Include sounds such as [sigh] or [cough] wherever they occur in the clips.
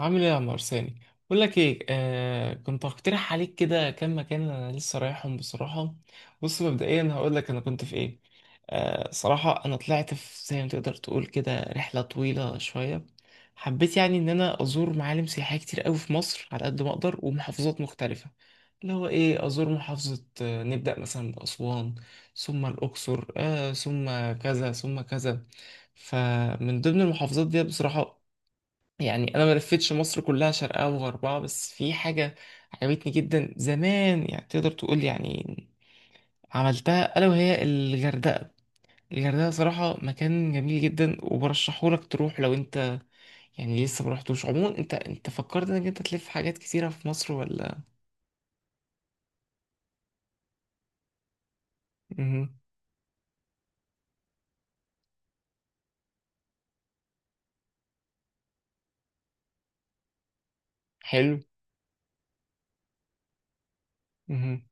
عامل ايه يا عمار ثاني؟ بقول لك ايه، كنت هقترح عليك كده كام مكان انا لسه رايحهم بصراحه. بص، مبدئيا هقول لك انا كنت في ايه. صراحه انا طلعت في زي ما تقدر تقول كده رحله طويله شويه. حبيت يعني ان انا ازور معالم سياحيه كتير قوي في مصر على قد ما اقدر ومحافظات مختلفه، اللي هو ايه، ازور محافظه، نبدا مثلا باسوان، ثم الاقصر، ثم كذا ثم كذا. فمن ضمن المحافظات دي بصراحه، يعني انا ما لفتش مصر كلها شرقها وغربها، بس في حاجه عجبتني جدا زمان يعني، تقدر تقول يعني عملتها، الا وهي الغردقه. الغردقه صراحه مكان جميل جدا، وبرشحه لك تروح لو انت يعني لسه ما رحتوش. عموما انت فكرت انك انت تلف حاجات كتيره في مصر ولا؟ مهم. حلو. مهم.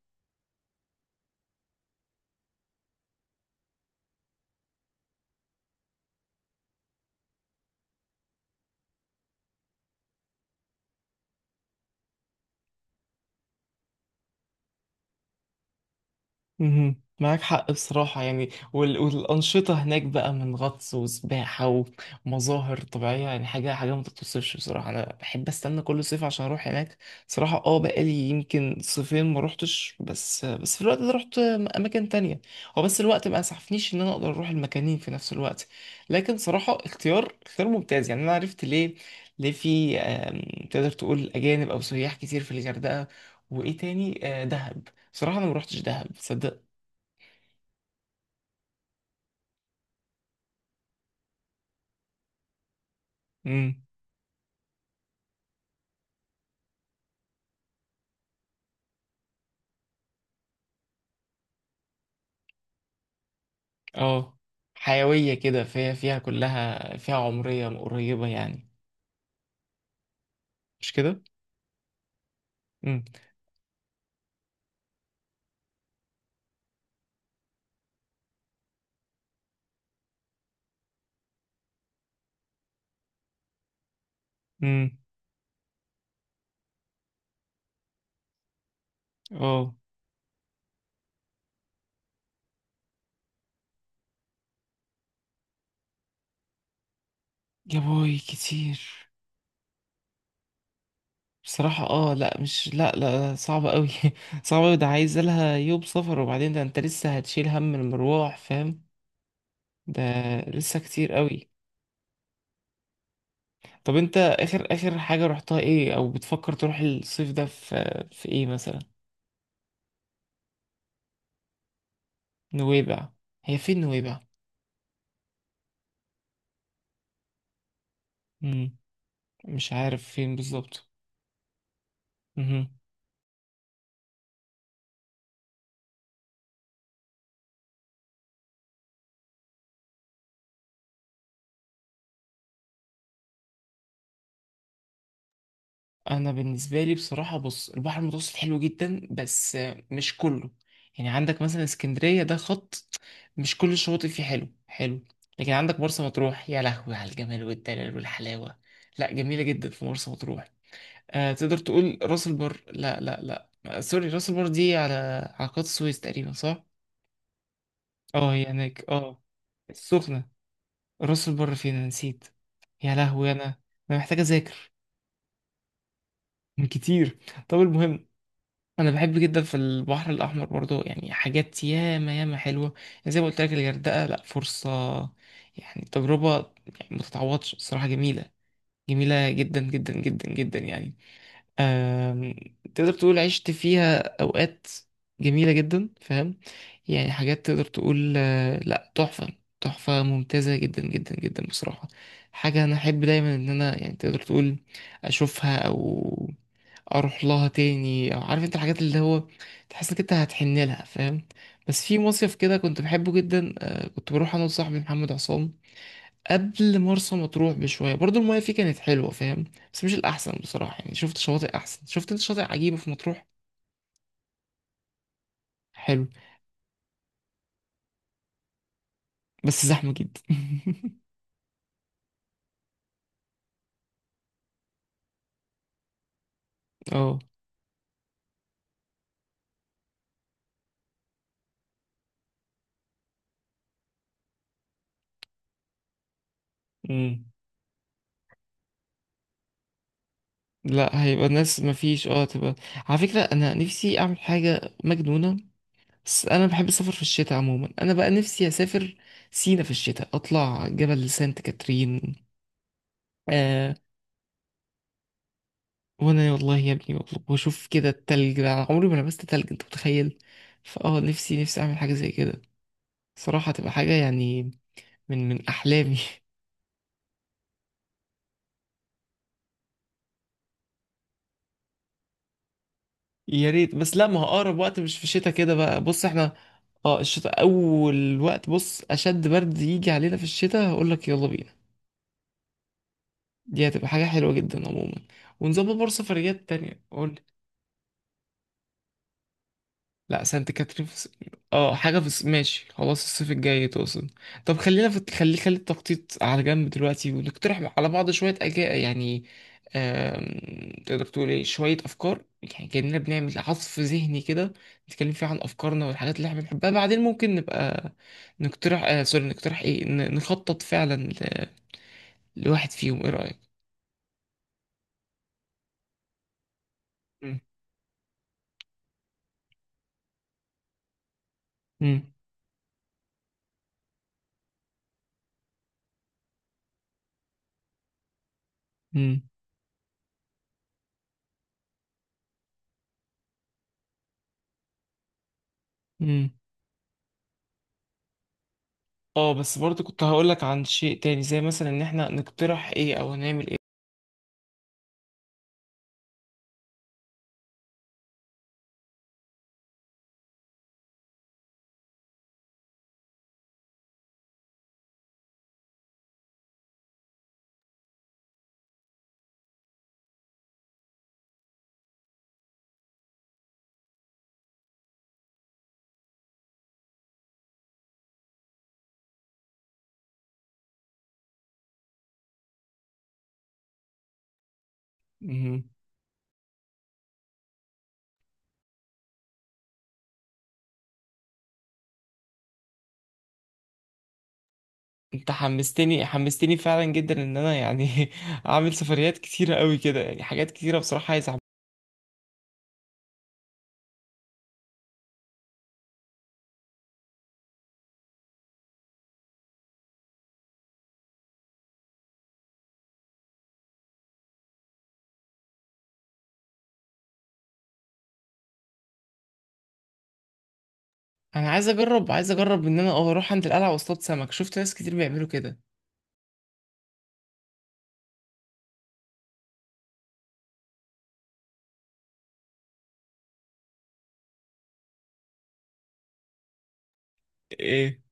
مهم. معاك حق بصراحة، يعني والأنشطة هناك بقى من غطس وسباحة ومظاهر طبيعية، يعني حاجة حاجة ما تتوصفش بصراحة. أنا بحب أستنى كل صيف عشان أروح هناك. صراحة بقالي يمكن صيفين ما روحتش، بس في الوقت ده روحت أماكن تانية. هو بس الوقت ما أسعفنيش إن أنا أقدر أروح المكانين في نفس الوقت. لكن صراحة اختيار اختيار ممتاز، يعني أنا عرفت ليه. ليه في تقدر تقول أجانب أو سياح كتير في الغردقة. وإيه تاني؟ دهب. صراحة أنا ما روحتش دهب، تصدق؟ امم. اه. حيوية كده، فيها فيها كلها فيها عمرية قريبة يعني، مش كده؟ امم. امم. اه. يا باي، كتير! بصراحة اه، لا مش، لا لا صعبة قوي. [laughs] صعبة قوي، ده عايز لها يوم سفر، وبعدين ده انت لسه هتشيل هم المروح، فاهم؟ ده لسه كتير قوي. طب انت اخر اخر حاجة رحتها ايه، او بتفكر تروح الصيف ده في ايه مثلا؟ نويبع؟ هي فين نويبع؟ مش عارف فين بالظبط. مهم. انا بالنسبه لي بصراحه، بص، البحر المتوسط حلو جدا بس مش كله. يعني عندك مثلا اسكندريه ده خط، مش كل الشواطئ فيه حلو حلو. لكن عندك مرسى مطروح، يا لهوي على الجمال والدلال والحلاوه، لا جميله جدا في مرسى مطروح. تقدر تقول راس البر، لا لا لا، سوري، راس البر دي على قناه السويس تقريبا، صح؟ اه هي هناك اه. السخنه. راس البر فين؟ أنا نسيت، يا لهوي، انا محتاج اذاكر كتير. طب المهم، انا بحب جدا في البحر الاحمر برضو، يعني حاجات ياما ياما حلوه. يعني زي ما قلت لك الغردقه، لا فرصه يعني، تجربه يعني ما تتعوضش. الصراحه جميله، جميله جدا جدا جدا جدا يعني. آم، تقدر تقول عشت فيها أوقات جميلة جدا، فاهم؟ يعني حاجات تقدر تقول، لا، تحفة، تحفة ممتازة جدا جدا جدا بصراحة. حاجة أنا أحب دايما إن أنا يعني، تقدر تقول أشوفها أو أروح لها تاني. أو عارف أنت الحاجات اللي هو تحس إنك أنت هتحن لها، فاهم؟ بس في مصيف كده كنت بحبه جدا، كنت بروح أنا وصاحبي محمد عصام قبل مرسى مطروح بشويه. برضو المايه فيه كانت حلوه، فاهم؟ بس مش الاحسن بصراحه، يعني شفت شواطئ احسن. شفت انت شاطئ عجيبه في مطروح، حلو. بس زحمه جدا [laughs] اه. امم. لا هيبقى الناس مفيش، اه تبقى. على فكره انا نفسي اعمل حاجه مجنونه، بس انا بحب السفر في الشتاء عموما. انا بقى نفسي اسافر سينا في الشتاء، اطلع جبل سانت كاترين. آه وانا والله يا ابني بطلب واشوف كده التلج، ده أنا عمري ما لبست تلج، انت متخيل؟ فاه نفسي نفسي اعمل حاجه زي كده. صراحة هتبقى حاجة يعني، من أحلامي [laughs] يا ريت، بس لا، ما هو أقرب وقت مش في الشتاء كده بقى. بص احنا اه، الشتاء أول وقت بص، أشد برد يجي علينا في الشتاء هقولك يلا بينا. دي هتبقى حاجة حلوة جدا عموما، ونظبط برضه سفريات تانية. لا، سانت كاترين في حاجة في ماشي خلاص، الصيف الجاي تقصد. طب خلينا في، خلي خلي التخطيط على جنب دلوقتي ونقترح على بعض شوية أجا يعني. تقدر تقول ايه، شوية أفكار، يعني كأننا بنعمل عصف ذهني كده، نتكلم فيه عن أفكارنا والحاجات اللي احنا بنحبها. بعدين ممكن نبقى نقترح، سوري، نقترح ايه، نخطط فعلا لواحد فيهم، ايه رأيك؟ مم. مم. مم. مم. اه بس برضه كنت هقولك عن شيء تاني، زي مثلا ان احنا نقترح ايه او هنعمل ايه. مهم. انت حمستني حمستني فعلا جدا، ان انا يعني [laughs] اعمل سفريات كتيره قوي كده، يعني حاجات كتيره بصراحه عايز اعمل. انا عايز اجرب، عايز اجرب ان انا اروح عند القلعه واصطاد سمك، شفت ناس كتير بيعملوا كده. ايه؟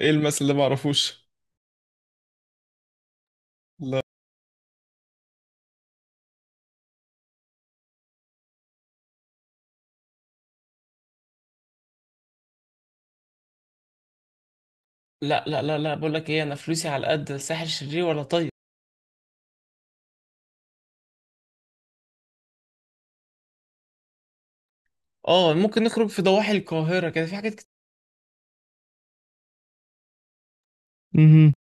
ايه المثل ده معرفوش. لا لا لا لا لا، بقول لك ايه، انا فلوسي على قد ساحل شرير ولا طيب. اه ممكن نخرج في ضواحي القاهره كده، في حاجات كتير.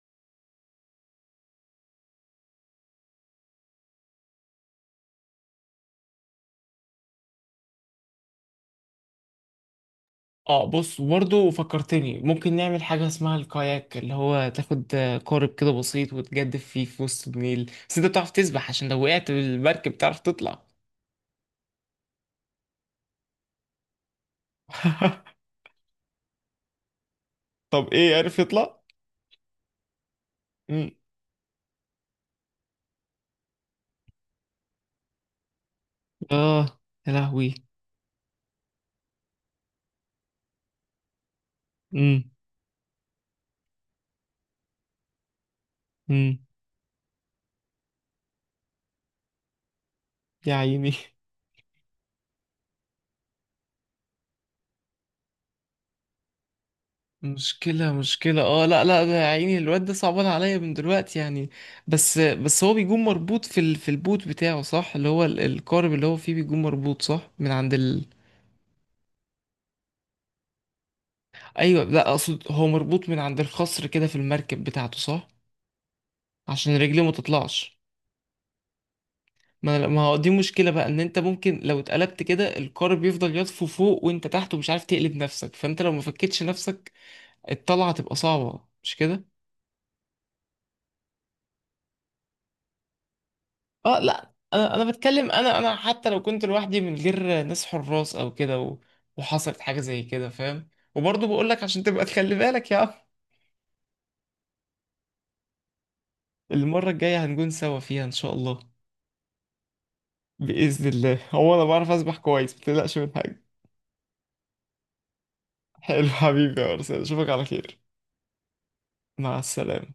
اه بص، وبرضه فكرتني ممكن نعمل حاجة اسمها الكاياك، اللي هو تاخد قارب كده بسيط، وتجدف فيه في وسط النيل. بس انت بتعرف تسبح؟ عشان لو وقعت بالمركب بتعرف تطلع. [laughs] طب ايه، عارف يطلع؟ مم. اه. يا لهوي. مم. مم. يا عيني. مشكلة، مشكلة، اه لا لا، ده يا عيني الواد ده صعبان عليا من دلوقتي يعني. بس هو بيكون مربوط في في البوت بتاعه، صح؟ اللي هو القارب اللي هو فيه بيكون مربوط صح من عند. ايوه، لا اقصد هو مربوط من عند الخصر كده في المركب بتاعته، صح؟ عشان رجليه ما تطلعش. ما هو دي مشكله بقى، ان انت ممكن لو اتقلبت كده القارب بيفضل يطفو فوق وانت تحت ومش عارف تقلب نفسك. فانت لو ما فكتش نفسك الطلعه تبقى صعبه، مش كده؟ اه لا انا بتكلم، انا حتى لو كنت لوحدي من غير ناس حراس او كده وحصلت حاجه زي كده، فاهم؟ وبرضه بقول لك عشان تبقى تخلي بالك يا عم. المره الجايه هنكون سوا فيها ان شاء الله. بإذن الله، هو أنا بعرف أسبح كويس، متقلقش من حاجة. حلو حبيبي يا أرسنال، أشوفك على خير. مع السلامة.